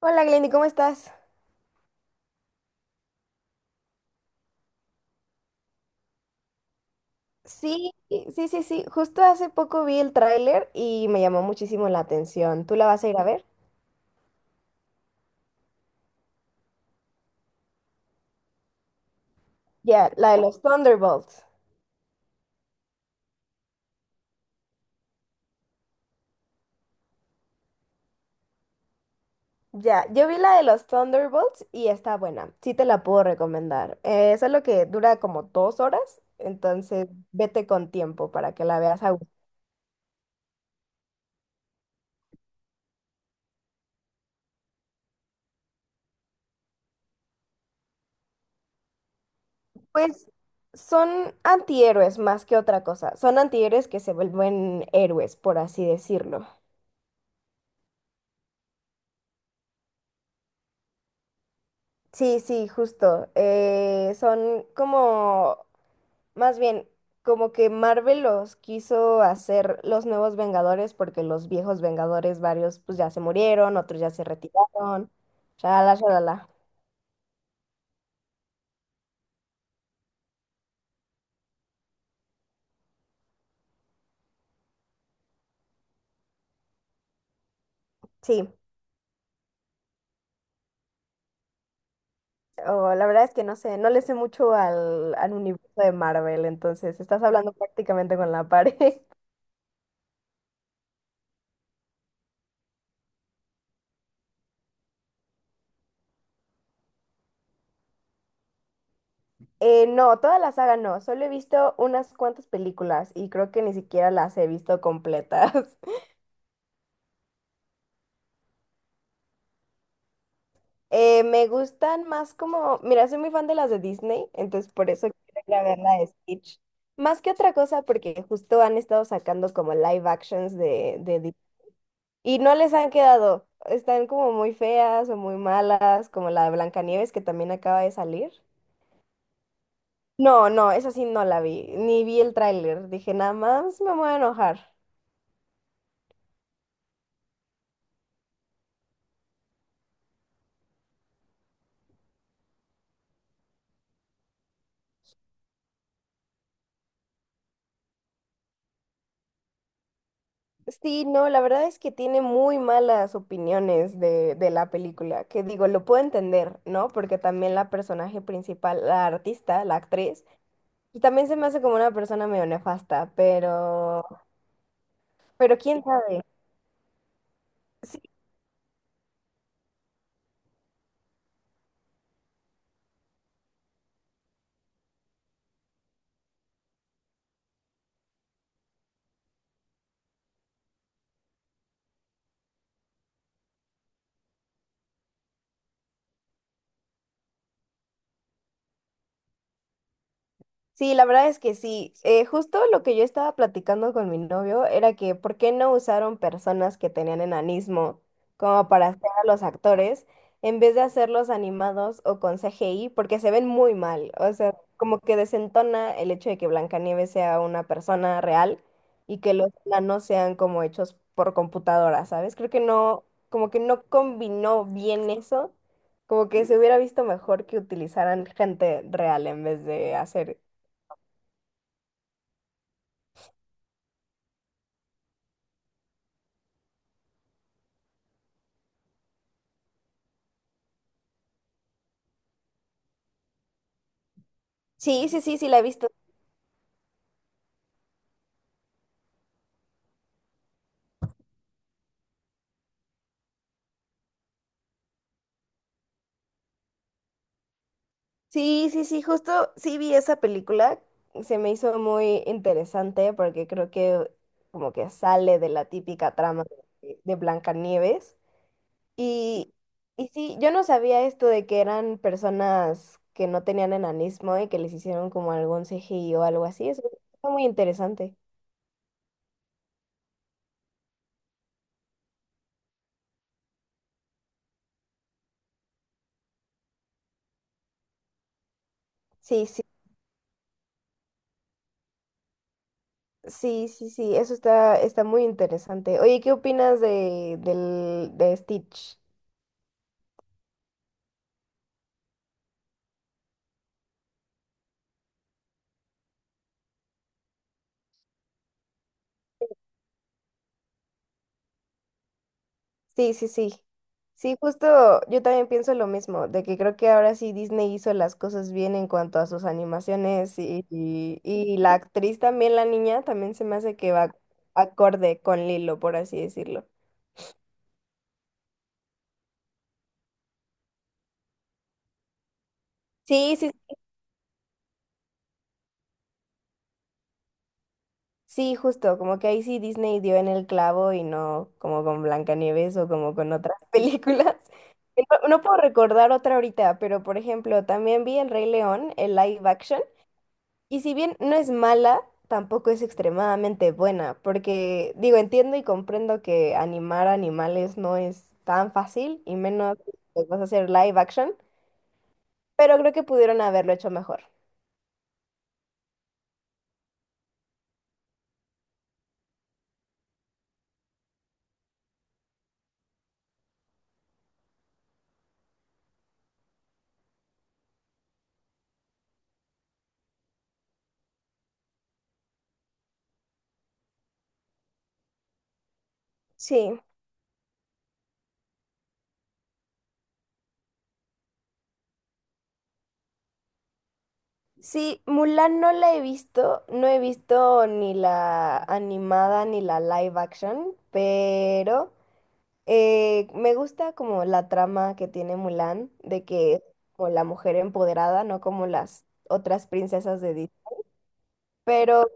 Hola Glendy, ¿cómo estás? Sí, sí, sí, sí. Justo hace poco vi el tráiler y me llamó muchísimo la atención. ¿Tú la vas a ir a ver? Ya, la de los Thunderbolts. Ya, yo vi la de los Thunderbolts y está buena. Sí te la puedo recomendar. Solo que dura como 2 horas, entonces vete con tiempo para que la veas a gusto. Pues son antihéroes más que otra cosa. Son antihéroes que se vuelven héroes, por así decirlo. Sí, sí, justo. Son como más bien, como que Marvel los quiso hacer los nuevos Vengadores porque los viejos Vengadores, varios pues ya se murieron, otros ya se retiraron. Shalala, shalala. Sí, o la verdad es que no sé, no le sé mucho al universo de Marvel, entonces estás hablando prácticamente con la pared. No, toda la saga no, solo he visto unas cuantas películas y creo que ni siquiera las he visto completas. Me gustan más como, mira, soy muy fan de las de Disney, entonces por eso quiero ir a ver la de Stitch. Más que otra cosa, porque justo han estado sacando como live actions de Disney y no les han quedado. Están como muy feas o muy malas, como la de Blancanieves que también acaba de salir. No, no, esa sí no la vi, ni vi el tráiler. Dije, nada más me voy a enojar. Sí, no, la verdad es que tiene muy malas opiniones de la película, que digo, lo puedo entender, ¿no? Porque también la personaje principal, la artista, la actriz, y también se me hace como una persona medio nefasta, pero quién sabe. Sí, la verdad es que sí. Justo lo que yo estaba platicando con mi novio era que por qué no usaron personas que tenían enanismo como para hacer a los actores en vez de hacerlos animados o con CGI, porque se ven muy mal. O sea, como que desentona el hecho de que Blancanieves sea una persona real y que los enanos sean como hechos por computadora, ¿sabes? Creo que no, como que no combinó bien eso. Como que se hubiera visto mejor que utilizaran gente real en vez de hacer. Sí, sí, sí, sí, la he visto. Sí, sí, sí, justo sí vi esa película. Se me hizo muy interesante porque creo que como que sale de la típica trama de Blancanieves. Y, y sí, yo no sabía esto de que eran personas que no tenían enanismo y que les hicieron como algún CGI o algo así. Eso está muy interesante. Sí, sí, sí, sí, sí, eso está, está muy interesante. Oye, ¿qué opinas de, del, de Stitch? Sí, sí, sí. Sí, justo yo también pienso lo mismo, de que creo que ahora sí Disney hizo las cosas bien en cuanto a sus animaciones y la actriz también, la niña, también se me hace que va acorde con Lilo, por así decirlo. Sí, sí, sí, justo, como que ahí sí Disney dio en el clavo y no como con Blancanieves o como con otras películas. No, no puedo recordar otra ahorita, pero por ejemplo, también vi El Rey León, el live action. Y si bien no es mala, tampoco es extremadamente buena, porque digo, entiendo y comprendo que animar animales no es tan fácil y menos pues, vas a hacer live action, pero creo que pudieron haberlo hecho mejor. Sí. Sí, Mulan no la he visto, no he visto ni la animada ni la live action, pero me gusta como la trama que tiene Mulan, de que es como la mujer empoderada, no como las otras princesas de Disney. Pero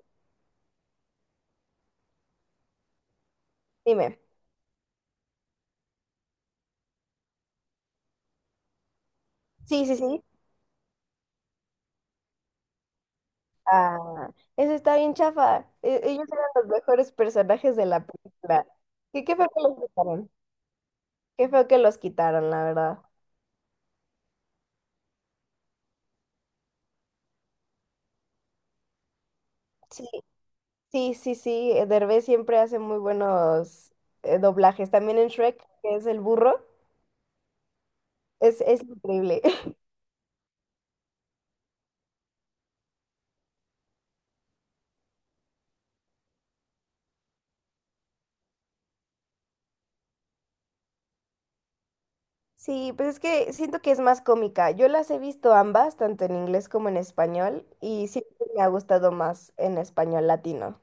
dime. Sí, sí, sí. Ah, eso está bien chafa. E- ellos eran los mejores personajes de la película. ¿Qué, qué feo que los quitaron? Qué fue que los quitaron, la verdad. Sí, sí, sí, sí. Derbez siempre hace muy buenos doblajes. También en Shrek, que es el burro, es increíble. Sí, pues es que siento que es más cómica. Yo las he visto ambas, tanto en inglés como en español, y siempre me ha gustado más en español latino.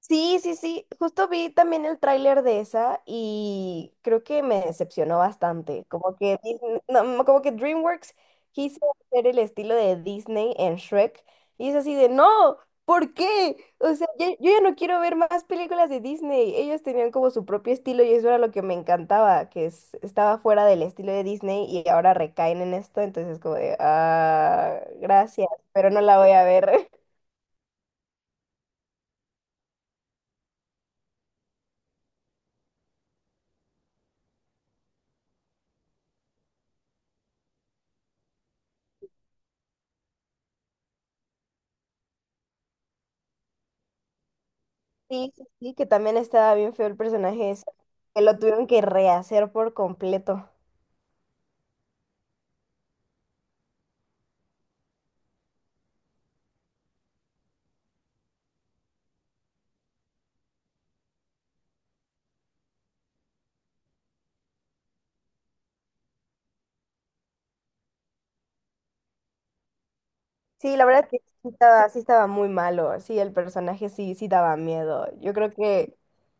Sí, sí, sí. Justo vi también el tráiler de esa y creo que me decepcionó bastante. Como que Disney- no, no, como que DreamWorks quiso hacer el estilo de Disney en Shrek y es así de no, ¿por qué? O sea, ya- yo ya no quiero ver más películas de Disney. Ellos tenían como su propio estilo y eso era lo que me encantaba, que es- estaba fuera del estilo de Disney y ahora recaen en esto, entonces es como de ah, gracias, pero no la voy a ver. Sí, sí, sí, que también estaba bien feo el personaje ese, que lo tuvieron que rehacer por completo. Sí, la verdad es que sí estaba muy malo, sí, el personaje sí, sí daba miedo. Yo creo que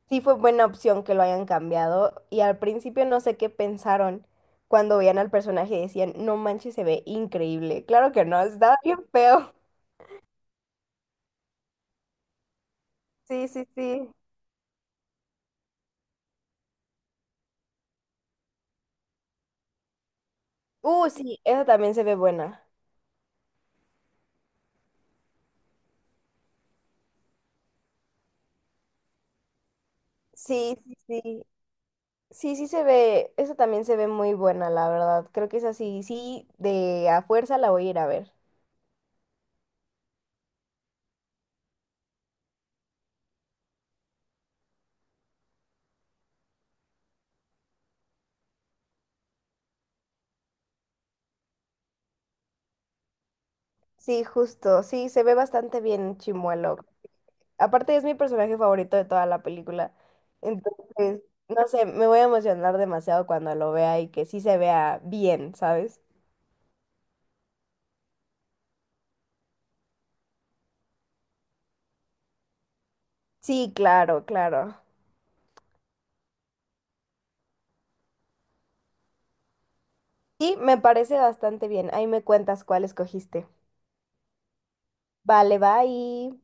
sí fue buena opción que lo hayan cambiado y al principio no sé qué pensaron cuando veían al personaje y decían, no manches, se ve increíble. Claro que no, estaba bien feo. Sí, sí, sí. Sí, esa también se ve buena. Sí, sí, sí. Sí, sí se ve, esa también se ve muy buena, la verdad. Creo que es así, sí, de a fuerza la voy a ir a ver. Sí, justo, sí, se ve bastante bien Chimuelo. Aparte es mi personaje favorito de toda la película. Entonces, no sé, me voy a emocionar demasiado cuando lo vea y que sí se vea bien, ¿sabes? Sí, claro, claro. Sí, me parece bastante bien. Ahí me cuentas cuál escogiste. Vale, bye.